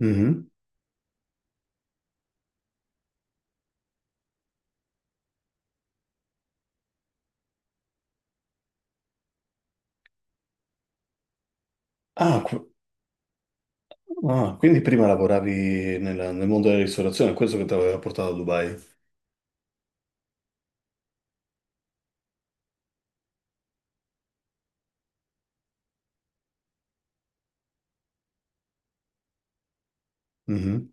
Mhm. Ah, qu- ah, quindi prima lavoravi nel mondo della ristorazione, questo che ti aveva portato a Dubai. Mhm.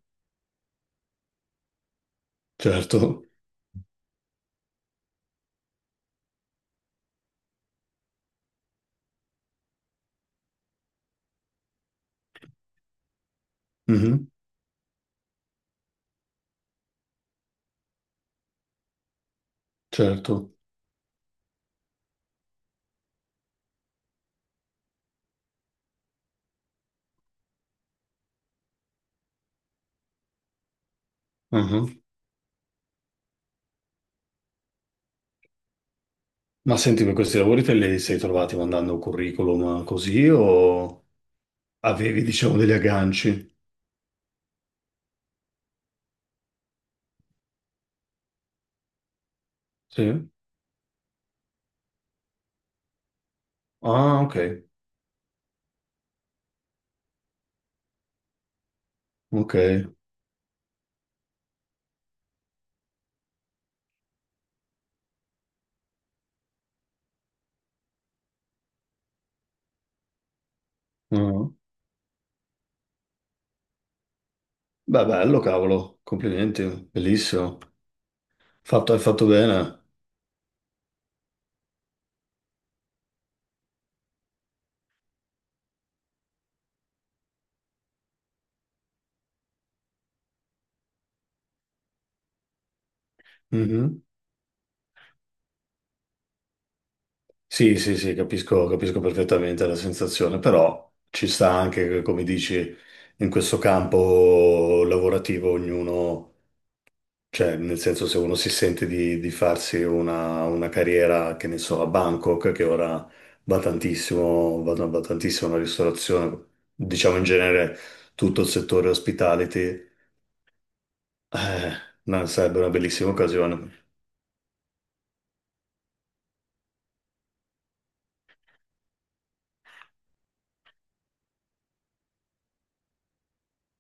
Certo. Mhm. Certo. Mhm. Ma senti, per questi lavori te li sei trovati mandando un curriculum così o avevi, diciamo, degli agganci? Sì. Ah, ok, ok. Ah. Beh, bello, cavolo, complimenti, bellissimo. Fatto, hai fatto bene. Sì, sì, sì, capisco, capisco perfettamente la sensazione, però ci sta anche che, come dici, in questo campo lavorativo ognuno, cioè nel senso se uno si sente di farsi una carriera, che ne so, a Bangkok, che ora va tantissimo, va tantissimo la ristorazione, diciamo in genere tutto il settore hospitality, eh, no, sarebbe una bellissima occasione.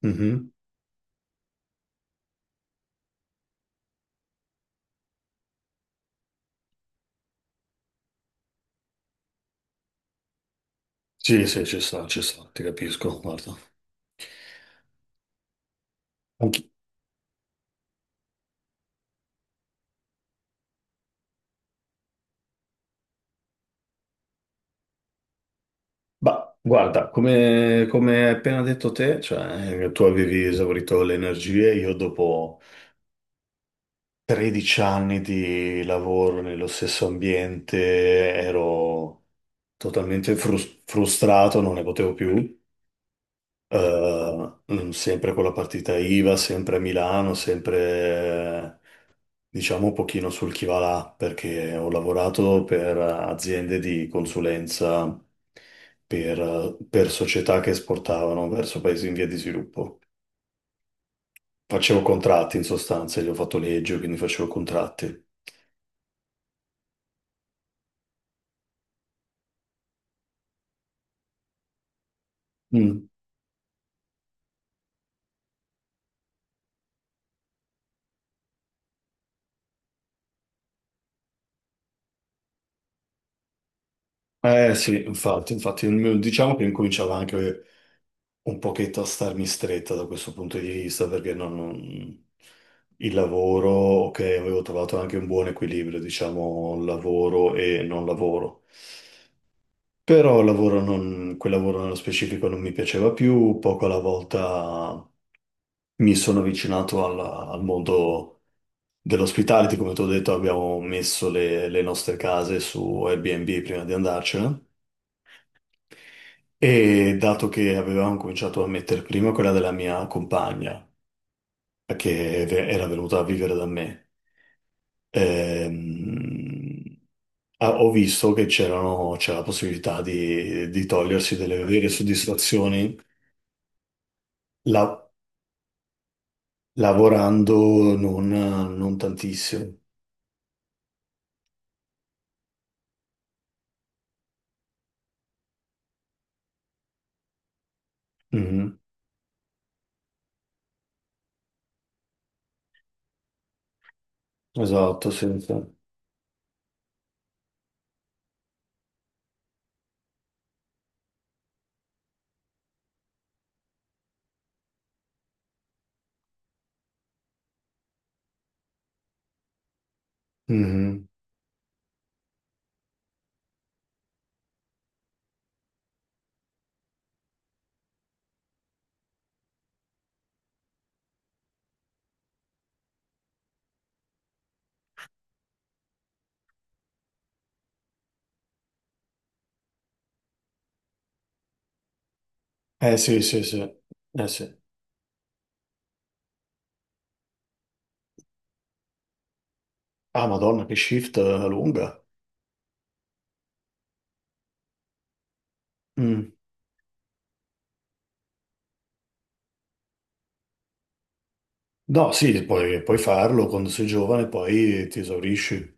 Mhm. Sì, sì, ci sta, ti capisco, guarda. Anch- Bah, guarda, come hai appena detto te, cioè, tu avevi esaurito le energie, io dopo 13 anni di lavoro nello stesso ambiente ero totalmente frustrato, non ne potevo più. Sempre con la partita IVA, sempre a Milano, sempre diciamo un pochino sul chi va là, perché ho lavorato per aziende di consulenza, per società che esportavano verso paesi in via di sviluppo. Facevo contratti in sostanza, io ho fatto legge, quindi facevo contratti. Mm. Eh sì, infatti, infatti, diciamo che incominciava anche un pochetto a starmi stretta da questo punto di vista, perché il lavoro, ok, avevo trovato anche un buon equilibrio, diciamo, lavoro e non lavoro. Però il lavoro non- quel lavoro nello specifico non mi piaceva più, poco alla volta mi sono avvicinato al mondo dell'ospitality, come ti ho detto abbiamo messo le nostre case su Airbnb prima di andarcene e dato che avevamo cominciato a mettere prima quella della mia compagna, che era venuta a vivere da me, ehm, ah, ho visto che c'era la possibilità di togliersi delle vere soddisfazioni. la- Lavorando non tantissimo. Mhm. Esatto, senza. Mhm. Eh sì, sì, sì. Sì. Ah, Madonna, che shift lunga. Mm. No, sì, puoi, puoi farlo quando sei giovane, poi ti esaurisci.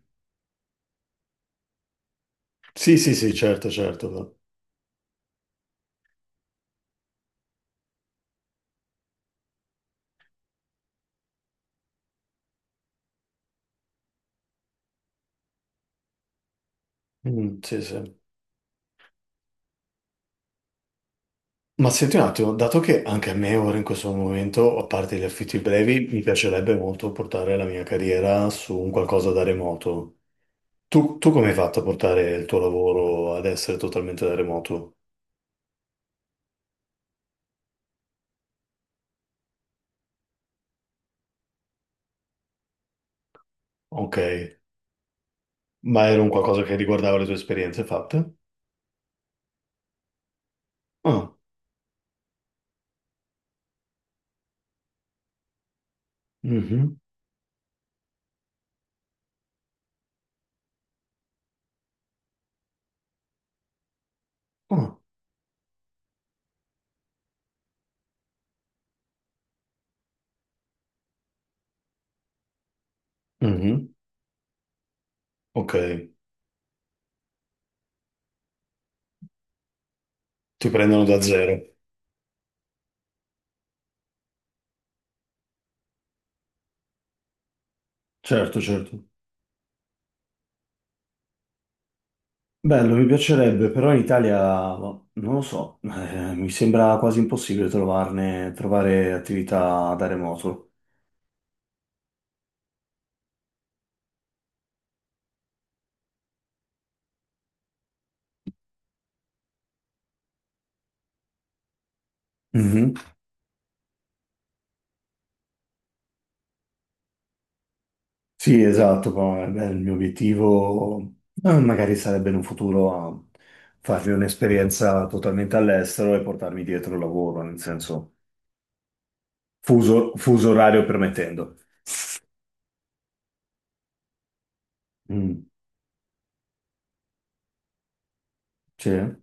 Sì, sì, sì, certo, certo. Mm, sì, sì. Ma senti un attimo, dato che anche a me ora in questo momento, a parte gli affitti brevi, mi piacerebbe molto portare la mia carriera su un qualcosa da remoto. Tu come hai fatto a portare il tuo lavoro ad essere totalmente da remoto? Ok, ma era un qualcosa che riguardava le tue esperienze fatte? Ah, mhm. Ah, mhm. Ok, ti prendono da zero. Certo, certo. Bello, mi piacerebbe, però in Italia, boh, non lo so, mi sembra quasi impossibile trovarne, trovare attività da remoto. Sì, esatto, poi, beh, il mio obiettivo magari sarebbe in un futuro a farmi un'esperienza totalmente all'estero e portarmi dietro il lavoro, nel senso fuso orario permettendo. Mm, sì.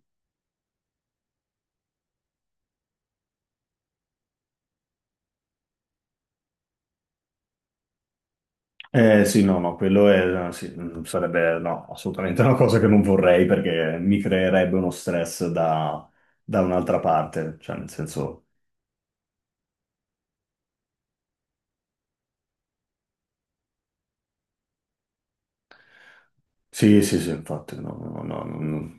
Sì, no, no, quello è, sì, mm, sarebbe no, assolutamente una cosa che non vorrei perché mi creerebbe uno stress da, da un'altra parte, cioè nel senso... Sì, sì, sì, infatti, no, no, no, no, no.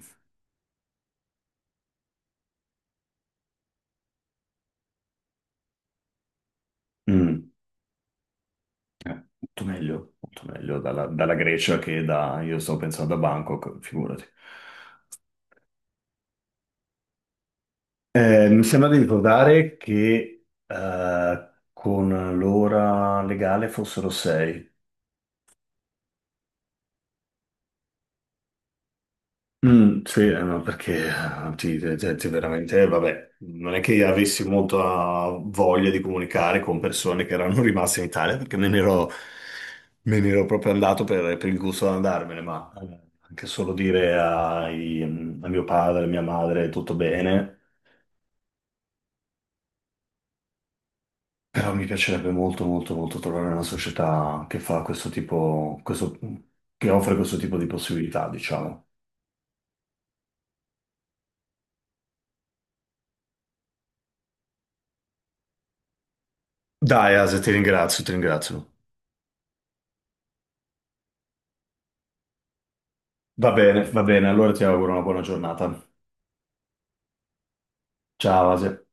Mm. Molto meglio, molto meglio dalla, dalla Grecia che da... Io stavo pensando a Bangkok, figurati. Mi sembra di ricordare che con l'ora legale fossero sei. Mm, sì, ma perché ti, ti veramente, vabbè, non è che avessi molta voglia di comunicare con persone che erano rimaste in Italia, perché me ne ero proprio andato per il gusto di andarmene, ma anche solo dire a mio padre, a mia madre, tutto bene. Però mi piacerebbe molto, molto, molto trovare una società che fa questo tipo, questo, che offre questo tipo di possibilità, diciamo. Dai, Ase, ti ringrazio, ti ringrazio. Va bene, allora ti auguro una buona giornata. Ciao, Asia.